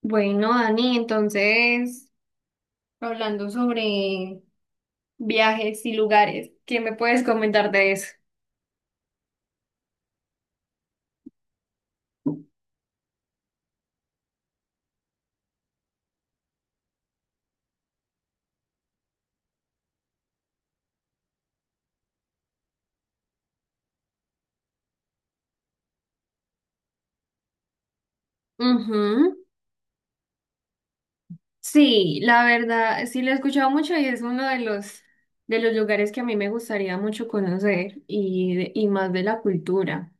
Bueno, Dani, entonces, hablando sobre viajes y lugares, ¿qué me puedes comentar de eso? Ujú. Sí, la verdad, sí lo he escuchado mucho y es uno de los lugares que a mí me gustaría mucho conocer y, y más de la cultura.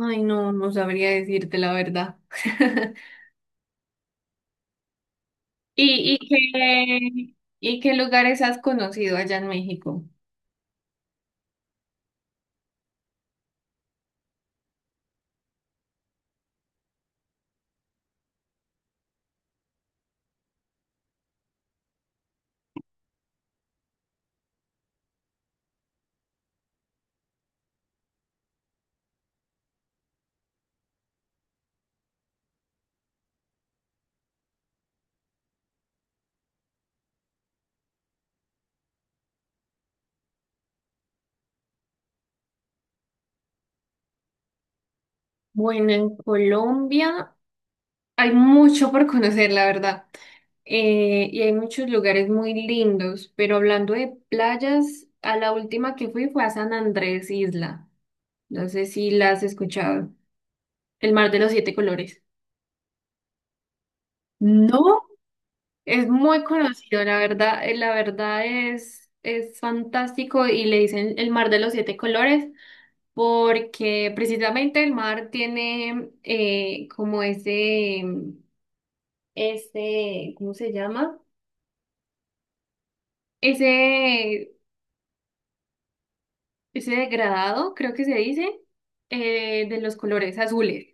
Ay, no, no sabría decirte la verdad. ¿Y, y qué lugares has conocido allá en México? Bueno, en Colombia hay mucho por conocer, la verdad. Y hay muchos lugares muy lindos, pero hablando de playas, a la última que fui fue a San Andrés Isla. No sé si la has escuchado. El mar de los siete colores. No. Es muy conocido, la verdad es fantástico y le dicen el mar de los siete colores porque precisamente el mar tiene como ese, ¿cómo se llama? Ese Ese degradado, creo que se dice, de los colores azules.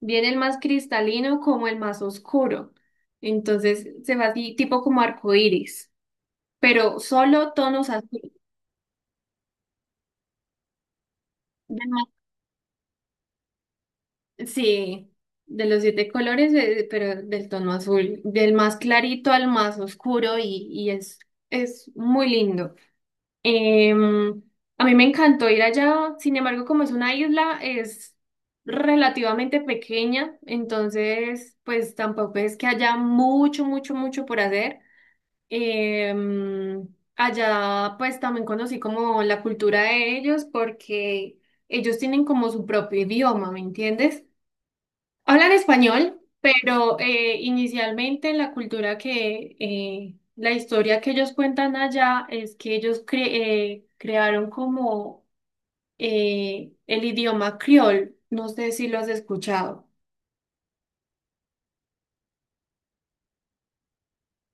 Viene el más cristalino como el más oscuro. Entonces se va así, tipo como arco iris, pero solo tonos azules. Sí, de los siete colores, pero del tono azul, del más clarito al más oscuro y es muy lindo. Em, a mí me encantó ir allá, sin embargo, como es una isla, es relativamente pequeña, entonces, pues tampoco es que haya mucho, mucho, mucho por hacer. Em, Allá, pues también conocí como la cultura de ellos, porque ellos tienen como su propio idioma, ¿me entiendes? Hablan español, pero inicialmente en la cultura que la historia que ellos cuentan allá es que crearon como el idioma criol, no sé si lo has escuchado,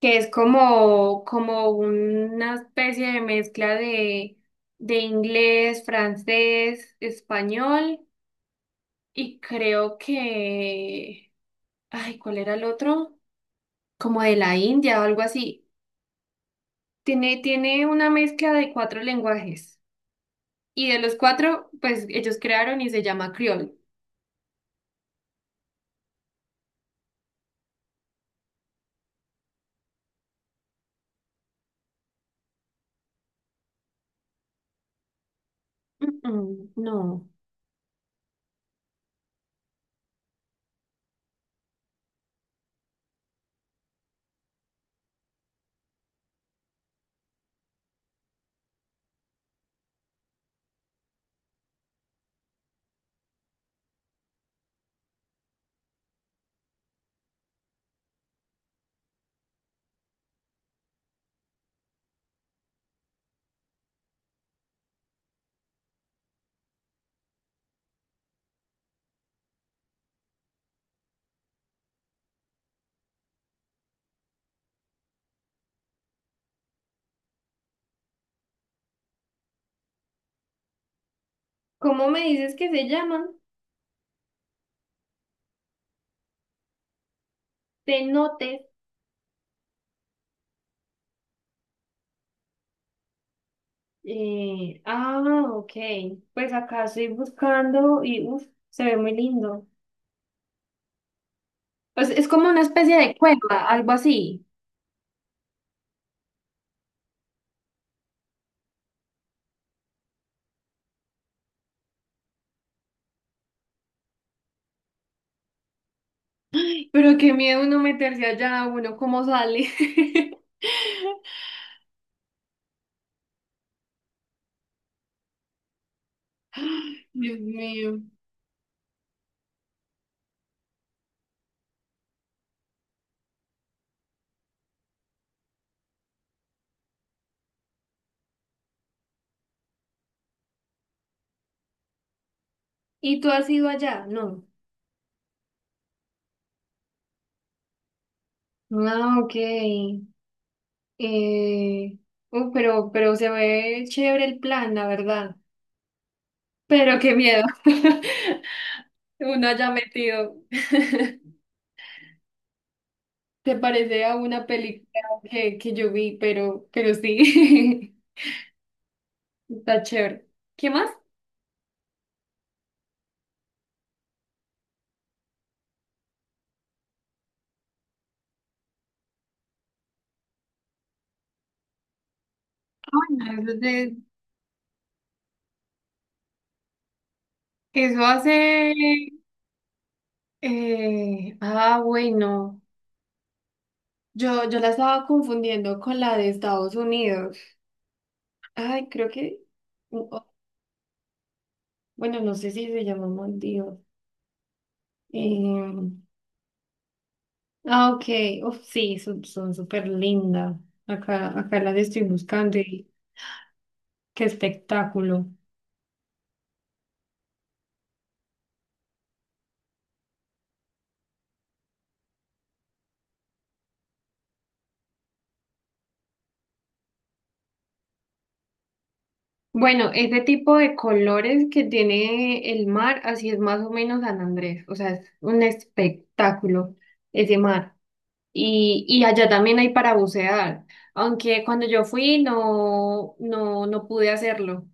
que es como, como una especie de mezcla de inglés, francés, español y creo que, ay, ¿cuál era el otro? Como de la India o algo así. Tiene una mezcla de cuatro lenguajes. Y de los cuatro, pues ellos crearon y se llama Creole. Mm, no. ¿Cómo me dices que se llaman? Cenotes. Eh, ah, ok. Pues acá estoy buscando y uf, se ve muy lindo. Pues es como una especie de cueva, algo así. Pero qué miedo uno meterse allá, uno cómo sale. Dios mío. ¿Y tú has ido allá? No. Ah, ok. Eh, pero se ve chévere el plan, la verdad. Pero qué miedo. Uno haya metido. Se parece a una película que yo vi, pero sí. Está chévere. ¿Qué más? Ah, bueno, eso, eso hace. Bueno. Yo la estaba confundiendo con la de Estados Unidos. Ay, creo que. u- o- Bueno, no sé si se llama Dios. Ah, ok. Uf, sí, son, son súper lindas. Acá las estoy buscando y qué espectáculo. Bueno, ese tipo de colores que tiene el mar, así es más o menos San Andrés, o sea, es un espectáculo ese mar. Y allá también hay para bucear, aunque cuando yo fui no, no, no pude hacerlo,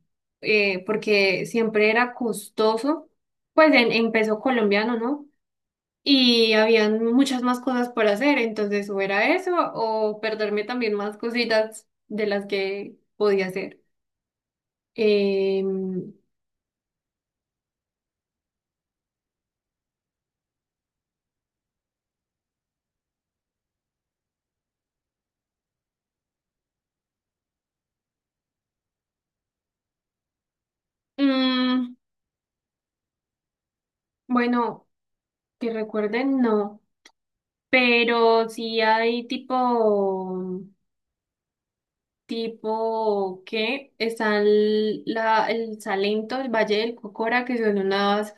porque siempre era costoso, pues en peso colombiano, ¿no? Y habían muchas más cosas por hacer, entonces o era eso o perderme también más cositas de las que podía hacer. Eh, mm, bueno, que recuerden, no, pero sí hay tipo, tipo que está el, la, el Salento, el Valle del Cocora, que son unas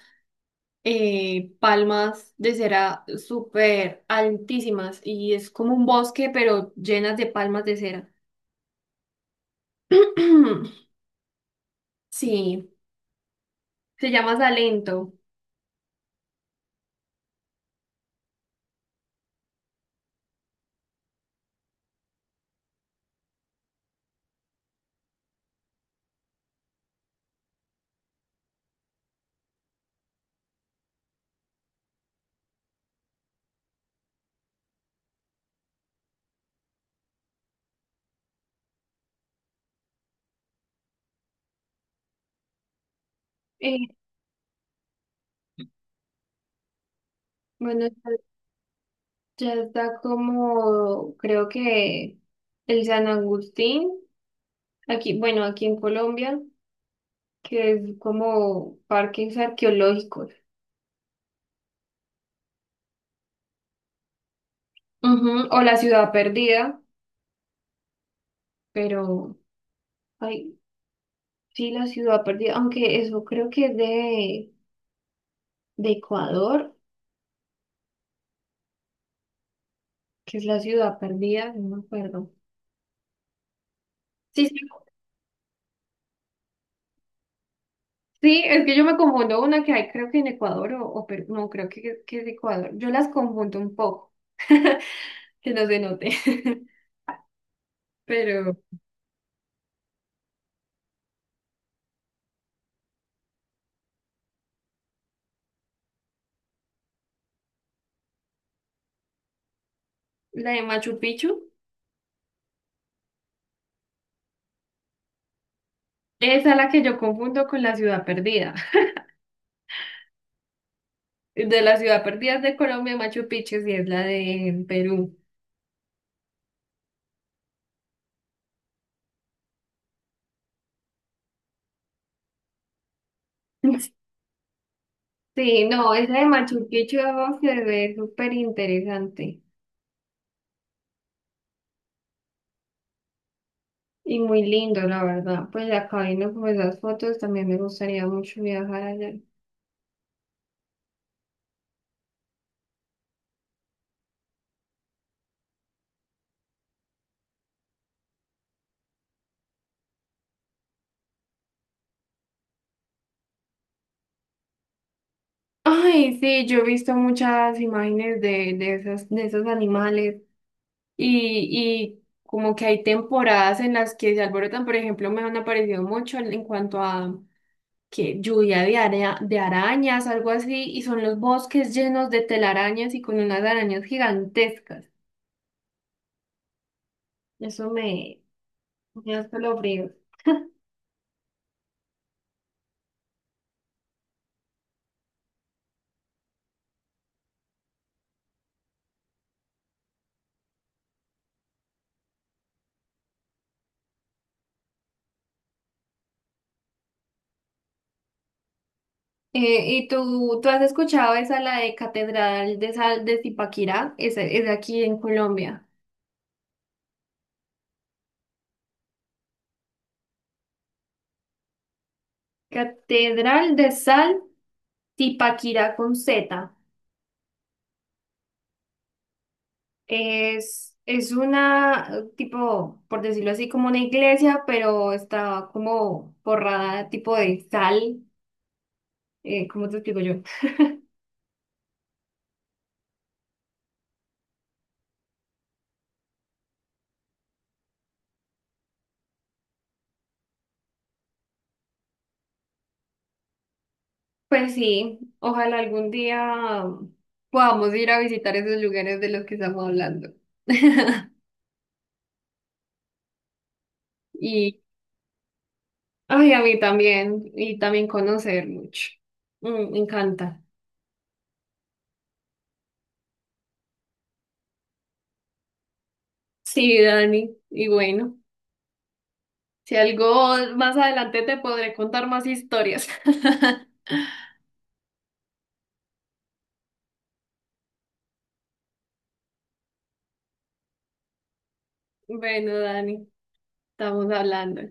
palmas de cera súper altísimas y es como un bosque, pero llenas de palmas de cera. Sí, se llama Salento. Eh, bueno, ya ya está como, creo que el San Agustín, aquí, bueno, aquí en Colombia, que es como parques arqueológicos. Ujú. O la ciudad perdida, pero, ay, sí, la ciudad perdida, aunque eso creo que es de Ecuador, que es la ciudad perdida, no me acuerdo. Sí, sí, Sí, es que yo me confundo una que hay, creo que en Ecuador o Perú, no, creo que es Ecuador. Yo las confundo un poco, que no se note. Pero la de Machu Picchu, esa es la que yo confundo con la ciudad perdida. De la ciudad perdida es de Colombia, Machu Picchu sí es la de Perú. Sí, no, esa de Machu Picchu se ve súper interesante y muy lindo, la verdad. Pues acá viendo como esas fotos, también me gustaría mucho viajar allá. Ay, sí, yo he visto muchas imágenes de esas, de esos animales y como que hay temporadas en las que se alborotan, por ejemplo, me han aparecido mucho en cuanto a que lluvia de, de arañas, algo así, y son los bosques llenos de telarañas y con unas arañas gigantescas. Eso me, me da escalofríos. ¿Y tú has escuchado esa, la de Catedral de Sal de Zipaquirá? Esa es aquí en Colombia. Catedral de Sal. Tipaquira con Z. Es una, tipo, por decirlo así, como una iglesia, pero está como forrada tipo de sal. ¿Cómo te explico yo? Pues sí, ojalá algún día podamos ir a visitar esos lugares de los que estamos hablando. Y, ay, a mí también, y también conocer mucho. Mm, me encanta. Sí, Dani, y bueno, si algo más adelante te podré contar más historias. Bueno, Dani, estamos hablando.